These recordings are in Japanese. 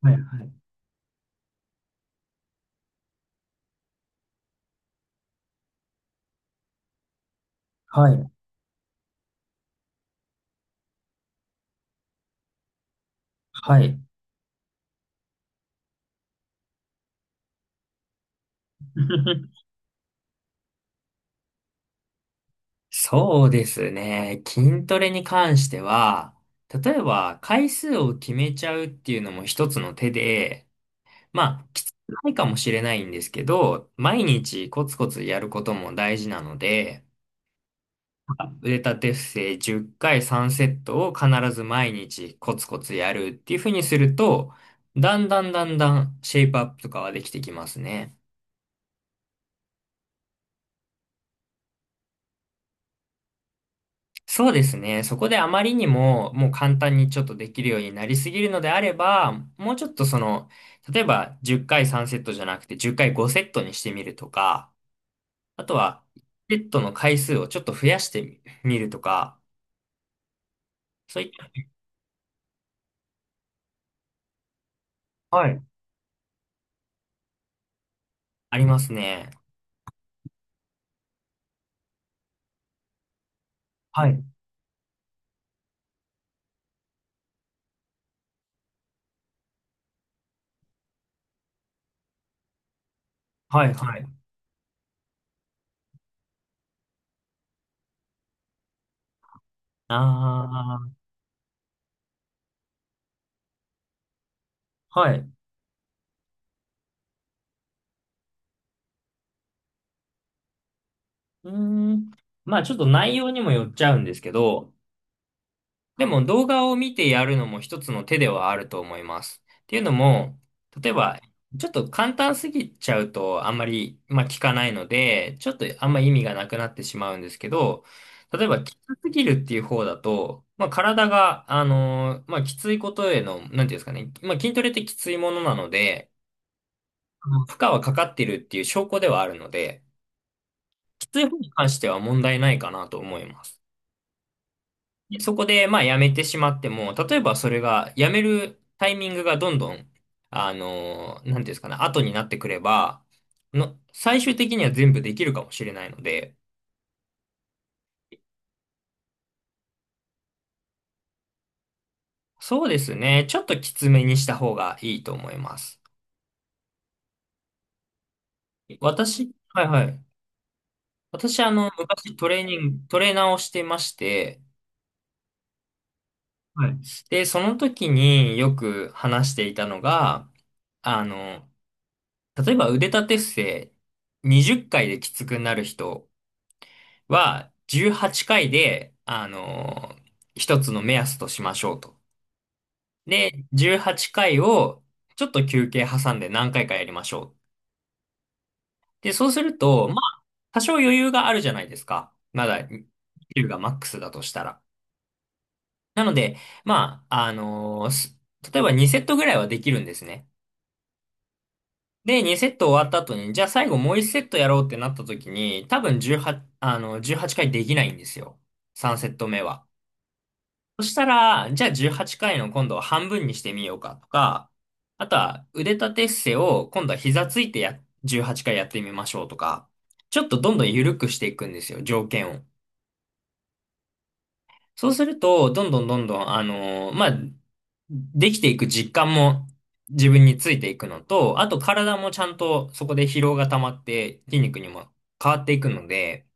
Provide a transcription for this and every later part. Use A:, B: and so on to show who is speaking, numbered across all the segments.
A: はいはい。はい。はい。そうですね。筋トレに関しては、例えば回数を決めちゃうっていうのも一つの手で、まあ、きつくないかもしれないんですけど、毎日コツコツやることも大事なので、腕立て伏せ10回3セットを必ず毎日コツコツやるっていうふうにすると、だんだんシェイプアップとかはできてきますね。そうですね。そこであまりにも、もう簡単にちょっとできるようになりすぎるのであれば、もうちょっとその、例えば10回3セットじゃなくて10回5セットにしてみるとか、あとは、セットの回数をちょっと増やしてみるとか、そういったはい、ありますね。はい。はい、はい。ああ、はい。うーん。まあちょっと内容にもよっちゃうんですけど、でも動画を見てやるのも一つの手ではあると思います。っていうのも、例えば、ちょっと簡単すぎちゃうとあんまり、まあ、聞かないので、ちょっとあんま意味がなくなってしまうんですけど、例えば、きつすぎるっていう方だと、まあ、体が、まあ、きついことへの、なんていうんですかね、まあ、筋トレってきついものなので、あの負荷はかかってるっていう証拠ではあるので、きつい方に関しては問題ないかなと思います。そこで、まあ、辞めてしまっても、例えばそれが、辞めるタイミングがどんどん、なんていうんですかね、後になってくれば、の、最終的には全部できるかもしれないので、そうですね、ちょっときつめにした方がいいと思います。私、はいはい。私、あの、昔トレーナーをしてまして、はい。で、その時によく話していたのが、あの、例えば腕立て伏せ20回できつくなる人、は、18回で、一つの目安としましょうと。で、18回を、ちょっと休憩挟んで何回かやりましょう。で、そうすると、まあ、多少余裕があるじゃないですか。まだ、9がマックスだとしたら。なので、まあ、あのーす例えば2セットぐらいはできるんですね。で、2セット終わった後に、じゃあ最後もう1セットやろうってなった時に、多分18、あの、18回できないんですよ。3セット目は。そしたら、じゃあ18回の今度は半分にしてみようかとか、あとは腕立て伏せを今度は膝ついてや、18回やってみましょうとか、ちょっとどんどん緩くしていくんですよ、条件を。そうすると、どんどん、まあ、できていく実感も自分についていくのと、あと体もちゃんとそこで疲労が溜まって筋肉にも変わっていくので、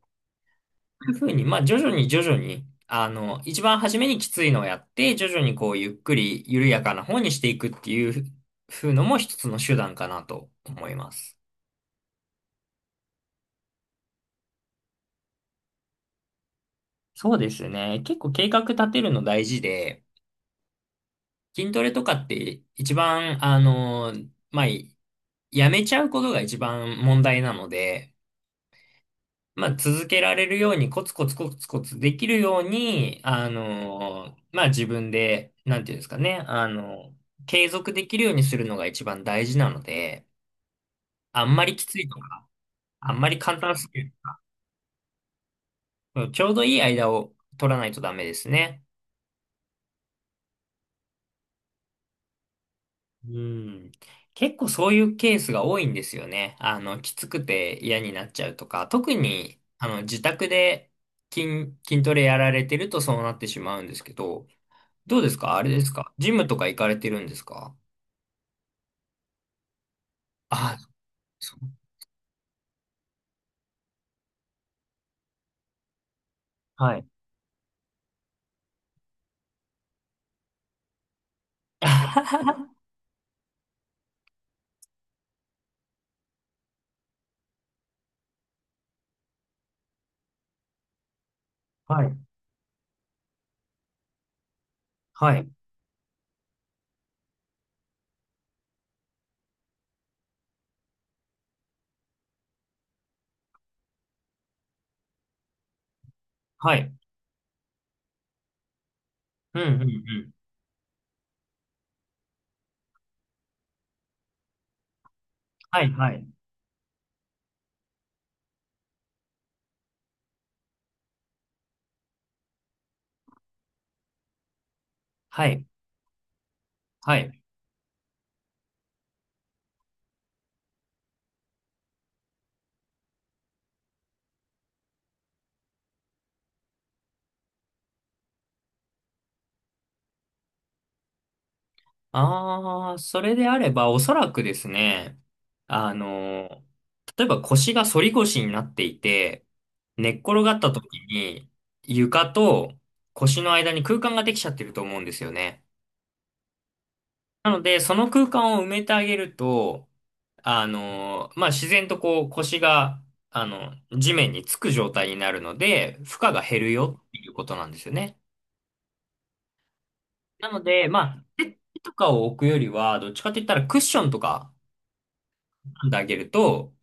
A: いうふうに、まあ、徐々に、あの、一番初めにきついのをやって、徐々にこう、ゆっくり緩やかな方にしていくっていうふうのも一つの手段かなと思います。そうですね。結構計画立てるの大事で、筋トレとかって一番、あの、まあ、やめちゃうことが一番問題なので、まあ、続けられるように、コツコツできるように、あの、まあ、自分で、なんていうんですかね、あの、継続できるようにするのが一番大事なので、あんまりきついとか、あんまり簡単すぎる。うんちょうどいい間を取らないとダメですね。うん。結構そういうケースが多いんですよね。あの、きつくて嫌になっちゃうとか、特に、あの、自宅で筋トレやられてるとそうなってしまうんですけど、どうですかあれですかジムとか行かれてるんですかあ、そう。はい。はい。はい。はい。うんうんうん。はい、はい。はい。はい。ああ、それであれば、おそらくですね、あの、例えば腰が反り腰になっていて、寝っ転がった時に、床と腰の間に空間ができちゃってると思うんですよね。なので、その空間を埋めてあげると、あの、まあ、自然とこう腰が、あの、地面につく状態になるので、負荷が減るよっていうことなんですよね。なので、まあ、手とかを置くよりは、どっちかって言ったらクッションとか編んであげると、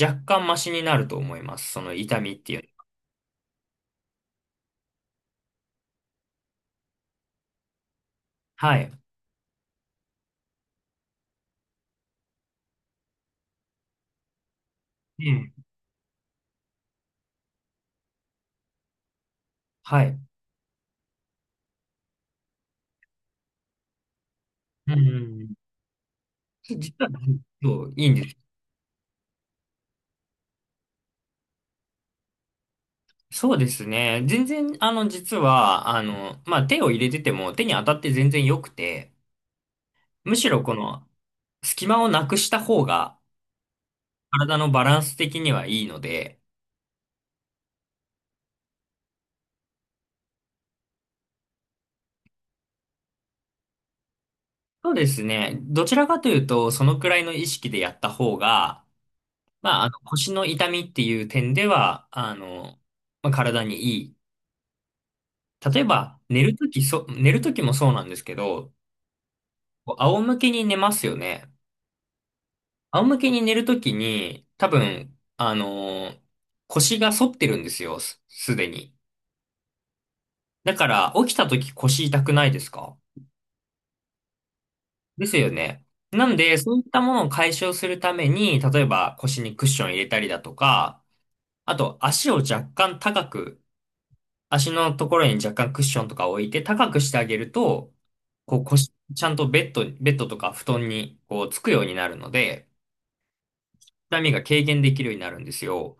A: 若干マシになると思います。その痛みっていう。はい。うん。はい。うん。実は、そう、いいんです。そうですね。全然、あの、実は、あの、まあ、手を入れてても、手に当たって全然良くて、むしろこの隙間をなくした方が体のバランス的にはいいので、そうですね。どちらかというと、そのくらいの意識でやった方が、まあ、あの腰の痛みっていう点では、あの、まあ、体にいい。例えば、寝るときもそうなんですけど、こう仰向けに寝ますよね。仰向けに寝るときに、多分、あの、腰が反ってるんですよ、すでに。だから、起きたとき腰痛くないですかですよね。なんで、そういったものを解消するために、例えば腰にクッション入れたりだとか、あと足を若干高く、足のところに若干クッションとか置いて高くしてあげると、こう腰、ちゃんとベッドとか布団にこうつくようになるので、痛みが軽減できるようになるんですよ。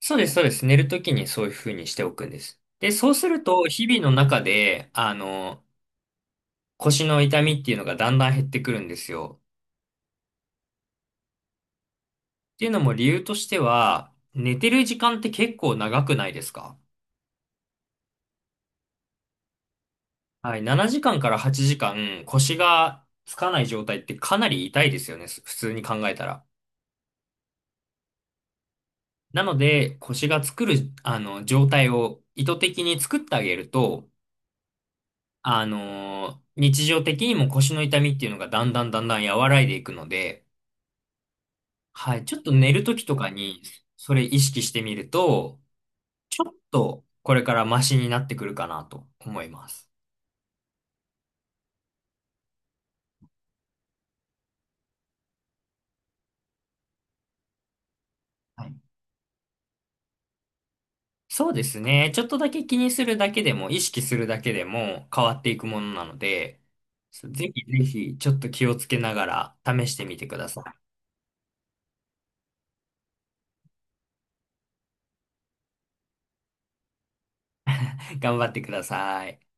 A: そうです、そうです。寝るときにそういうふうにしておくんです。で、そうすると、日々の中で、あの、腰の痛みっていうのがだんだん減ってくるんですよ。っていうのも理由としては、寝てる時間って結構長くないですかはい、7時間かんから8時間腰がつかない状態ってかなり痛いですよね、普通に考えたら。なので、腰が作る、あの、状態を意図的に作ってあげると、あのー日常的にも腰の痛みっていうのがだんだん和らいでいくので、はい、ちょっと寝るときとかにそれ意識してみると、ちょっとこれからマシになってくるかなと思います。はいそうですね。ちょっとだけ気にするだけでも、意識するだけでも変わっていくものなので、そうぜひぜひちょっと気をつけながら試してみてください。頑張ってください。